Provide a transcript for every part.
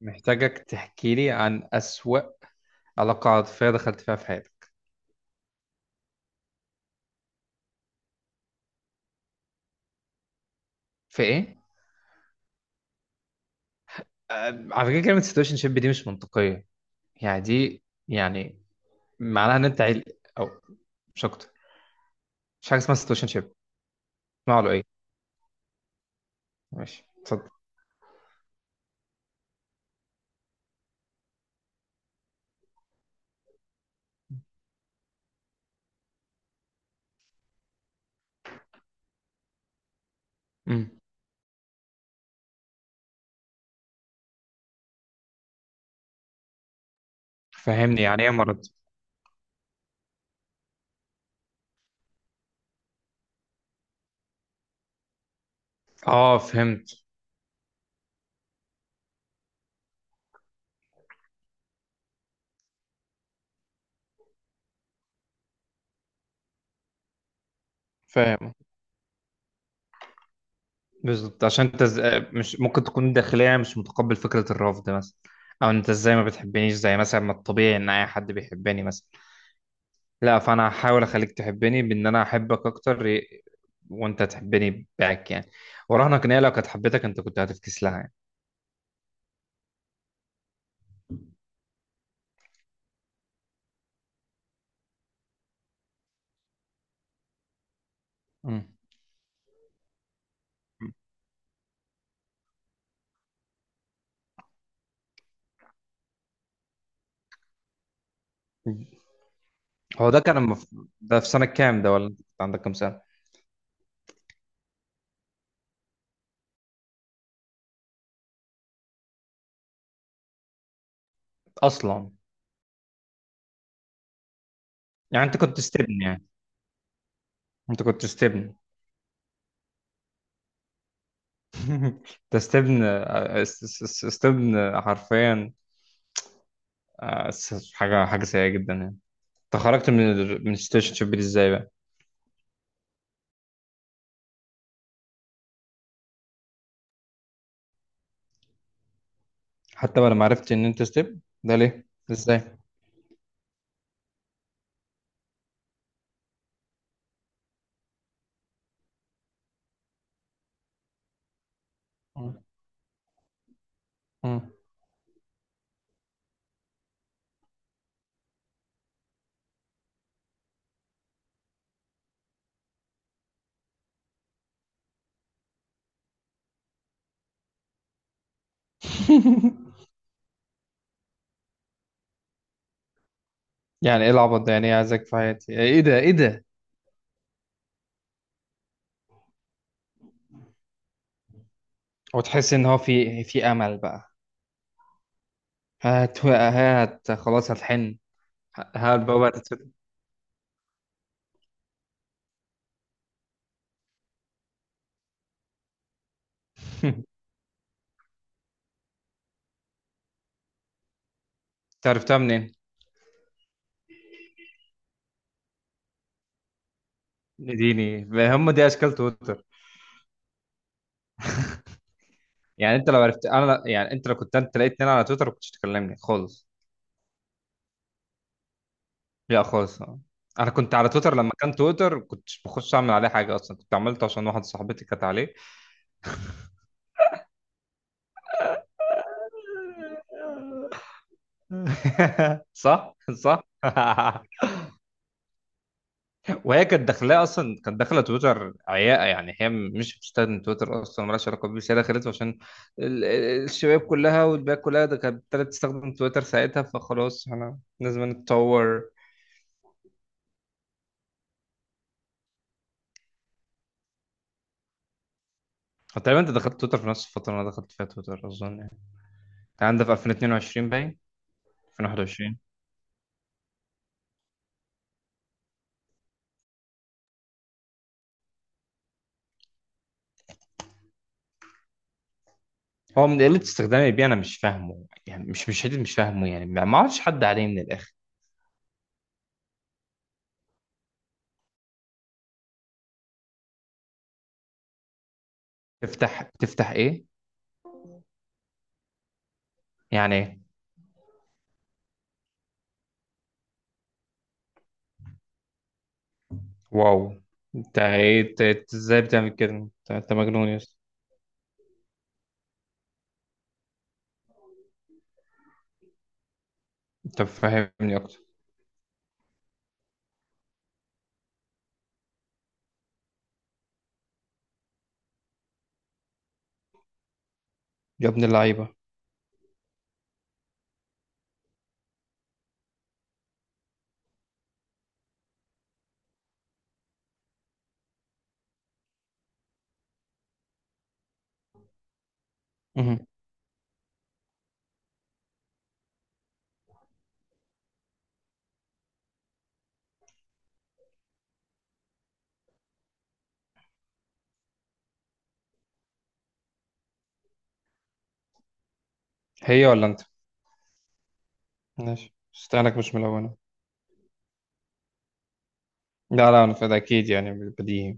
محتاجك تحكي لي عن أسوأ علاقة عاطفية دخلت فيها في حياتك. في إيه؟ آه، على فكرة كلمة سيتويشن شيب دي مش منطقية. يعني دي، يعني معناها إن أنت عيل أو مش أكتر. مش حاجة اسمها سيتويشن شيب. اسمها له إيه؟ ماشي، اتفضل. أمم. فهمني، يعني إيه مرض؟ آه، فهمت. فاهم. بالظبط، عشان أنت ز... آه، مش ممكن تكون داخليا مش متقبل فكرة الرفض مثلا. أو أنت إزاي ما بتحبنيش، زي مثلا ما الطبيعي إن أي حد بيحبني مثلا. لا، فانا هحاول اخليك تحبني بان انا احبك اكتر وانت تحبني باك يعني. وراهنك ان هي لو كانت حبيتك انت كنت هتفكس لها يعني. مم. هو ده كان ده في سنة كام ده، ولا انت كنت عندك كام سنة؟ اصلا، يعني انت كنت استبن يعني. انت كنت استبن. انت استبن، استبن حرفيا. حاجة حاجة سيئة جدا يعني. انت خرجت من من السيتويشن شيب دي ازاي بقى. حتى بعد ما عرفت ان انت استبن، ده ليه؟ ازاي؟ مم. مم. يعني ايه العبط ده؟ يعني ايه عايزك في حياتي؟ ايه ده، ايه ده؟ وتحس ان هو في امل بقى. هات هات، خلاص هتحن. هات بابا، انت عرفتها منين؟ اديني. هم، دي اشكال تويتر. يعني انت لو عرفت انا، يعني انت لو كنت انت لقيتني انا على تويتر ما كنتش تكلمني خالص. لا، خالص. انا كنت على تويتر لما كان تويتر، كنتش بخش اعمل عليه حاجه اصلا، كنت عملته عشان واحد صاحبتي كانت عليه. صح، صح. وهي كانت داخلاه اصلا، كانت داخله تويتر عياقه، يعني هي مش بتستخدم تويتر اصلا، مالهاش علاقه بيه، بس هي دخلته عشان الشباب كلها والباقي كلها ده كانت ابتدت تستخدم تويتر ساعتها، فخلاص احنا لازم نتطور. هو تقريبا انت دخلت تويتر في نفس الفتره اللي انا دخلت فيها تويتر اظن يعني. انت عندك في 2022 باين. 2021. هو من قله استخدامي بيه انا مش فاهمه، يعني مش حته مش فاهمه يعني، ما اعرفش حد عليه من الاخر. تفتح ايه؟ يعني ايه؟ واو. انت ايه؟ إنت ازاي بتعمل كده؟ أنت مجنون يا. طب فهمني اكتر. يا ابن اللعيبه. مهم. هي ولا انت؟ ماشي، استناك مش ملونه. لا لا، انا فده اكيد يعني. بديهي.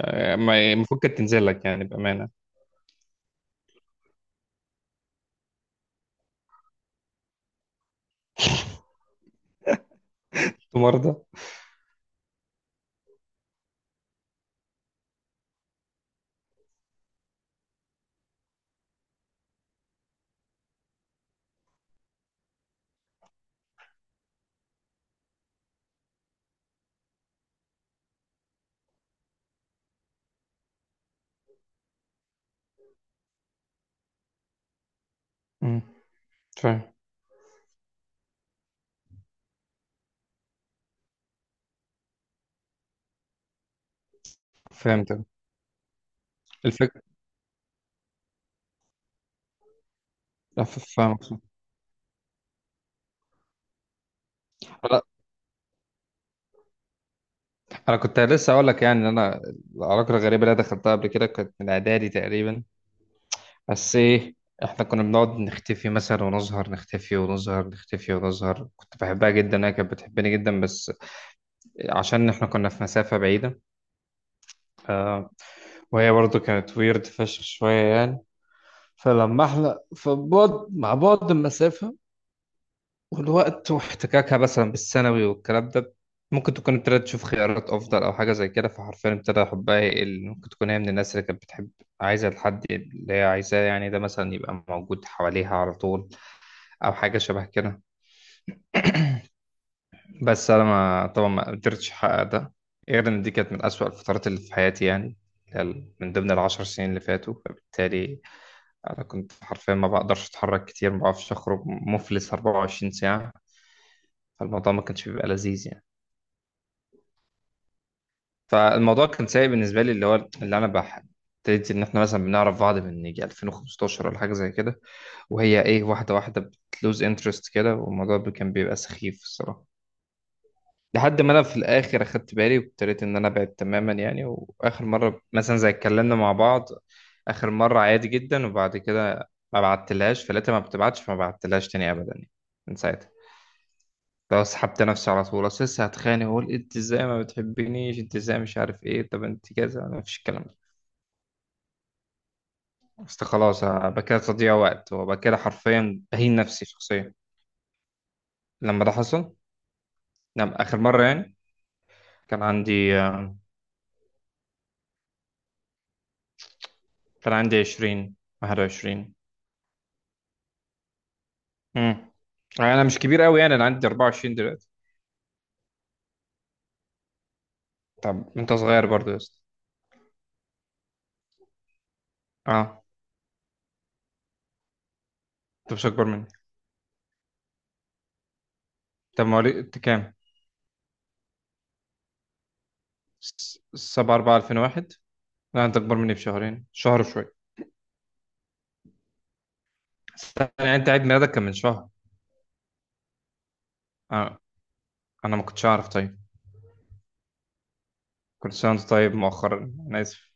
آه، المفروض كانت تنزل لك يعني بامانه. أنت مرضى. مم. فاهم. فهمت. الفكره. لا، فاهمك. لا، انا كنت لسه اقول لك يعني ان انا العلاقه الغريبه اللي أنا دخلتها قبل كده كانت من اعدادي تقريبا. بس ايه، احنا كنا بنقعد نختفي مثلا ونظهر، نختفي ونظهر، نختفي ونظهر. كنت بحبها جدا، هي كانت بتحبني جدا، بس عشان احنا كنا في مسافه بعيده. آه، وهي برضو كانت ويرد فشخ شوية يعني. فلما احنا، فبعد مع بعد المسافة والوقت واحتكاكها مثلا بالثانوي والكلام ده، ممكن تكون ابتدت تشوف خيارات أفضل أو حاجة زي كده، فحرفيا ابتدى حبها يقل. ممكن تكون هي من الناس اللي كانت بتحب عايزة الحد اللي هي عايزاه يعني ده مثلا يبقى موجود حواليها على طول، أو حاجة شبه كده. بس أنا، ما طبعا ما قدرتش أحقق ده، غير إن دي كانت من أسوأ الفترات اللي في حياتي يعني، من ضمن العشر سنين اللي فاتوا. فبالتالي انا كنت حرفيا ما بقدرش اتحرك كتير، ما بعرفش اخرج مفلس 24 ساعه. فالموضوع ما كانش بيبقى لذيذ يعني. فالموضوع كان سيء بالنسبه لي، اللي هو اللي انا بح، ابتديت ان احنا مثلا بنعرف بعض من يجي 2015 ولا حاجه زي كده، وهي ايه، واحده واحده بتلوز انترست كده. والموضوع كان بيبقى سخيف الصراحه. لحد ما انا في الاخر اخدت بالي وابتديت ان انا ابعد تماما يعني. واخر مره مثلا زي اتكلمنا مع بعض، اخر مره عادي جدا، وبعد كده ما بعتلهاش، فلقيتها ما بتبعتش، فما بعتلهاش تاني ابدا يعني. من ساعتها. لو سحبت نفسي على طول، اصل لسه هتخانق واقول انت ازاي ما بتحبنيش، انت ازاي مش عارف ايه، طب انت كذا. ما فيش الكلام ده، اصل خلاص أبقى كده تضييع وقت، وأبقى كده حرفيا بهين نفسي شخصيا. لما ده حصل، نعم، اخر مره يعني كان عندي، كان عندي 20، 21. امم انا مش كبير قوي، يعني انا عندي 24 دلوقتي. طب انت صغير برضو يا اسطى. اه. انت مش اكبر مني. طب مواليد انت كام؟ 7 4 2001. لا، انت اكبر مني بشهرين، شهر وشويه. استنى يعني، انت عيد ميلادك كان من شهر؟ آه. انا ما كنتش اعرف، طيب كل سنه وانت طيب مؤخرا، انا اسف.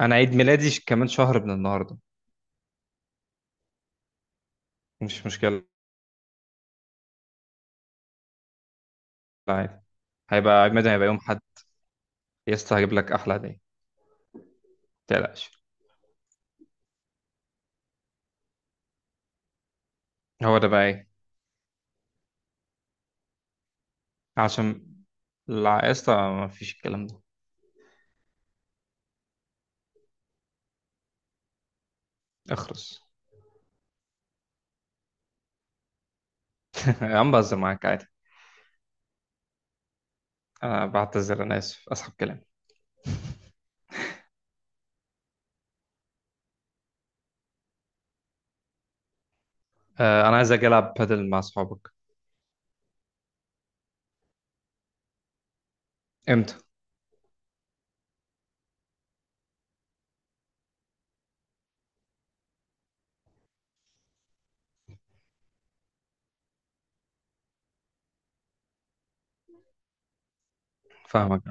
انا عيد ميلادي كمان شهر من النهارده. مش مشكله. عادي. هيبقى عيد ميلادي، هيبقى يوم حد. يا اسطى، هجيب لك احلى هديه، ما تقلقش. هو ده بقى ايه؟ عشان، لا يا اسطى ما فيش الكلام ده. اخرس. يا عم، بهزر معاك عادي. أنا بعتذر، أنا آسف، أسحب كلامي. أنا عايز أجي ألعب بادل مع أصحابك. إمتى؟ فاهمك.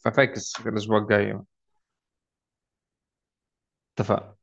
ففاكس الأسبوع الجاي. اتفقنا.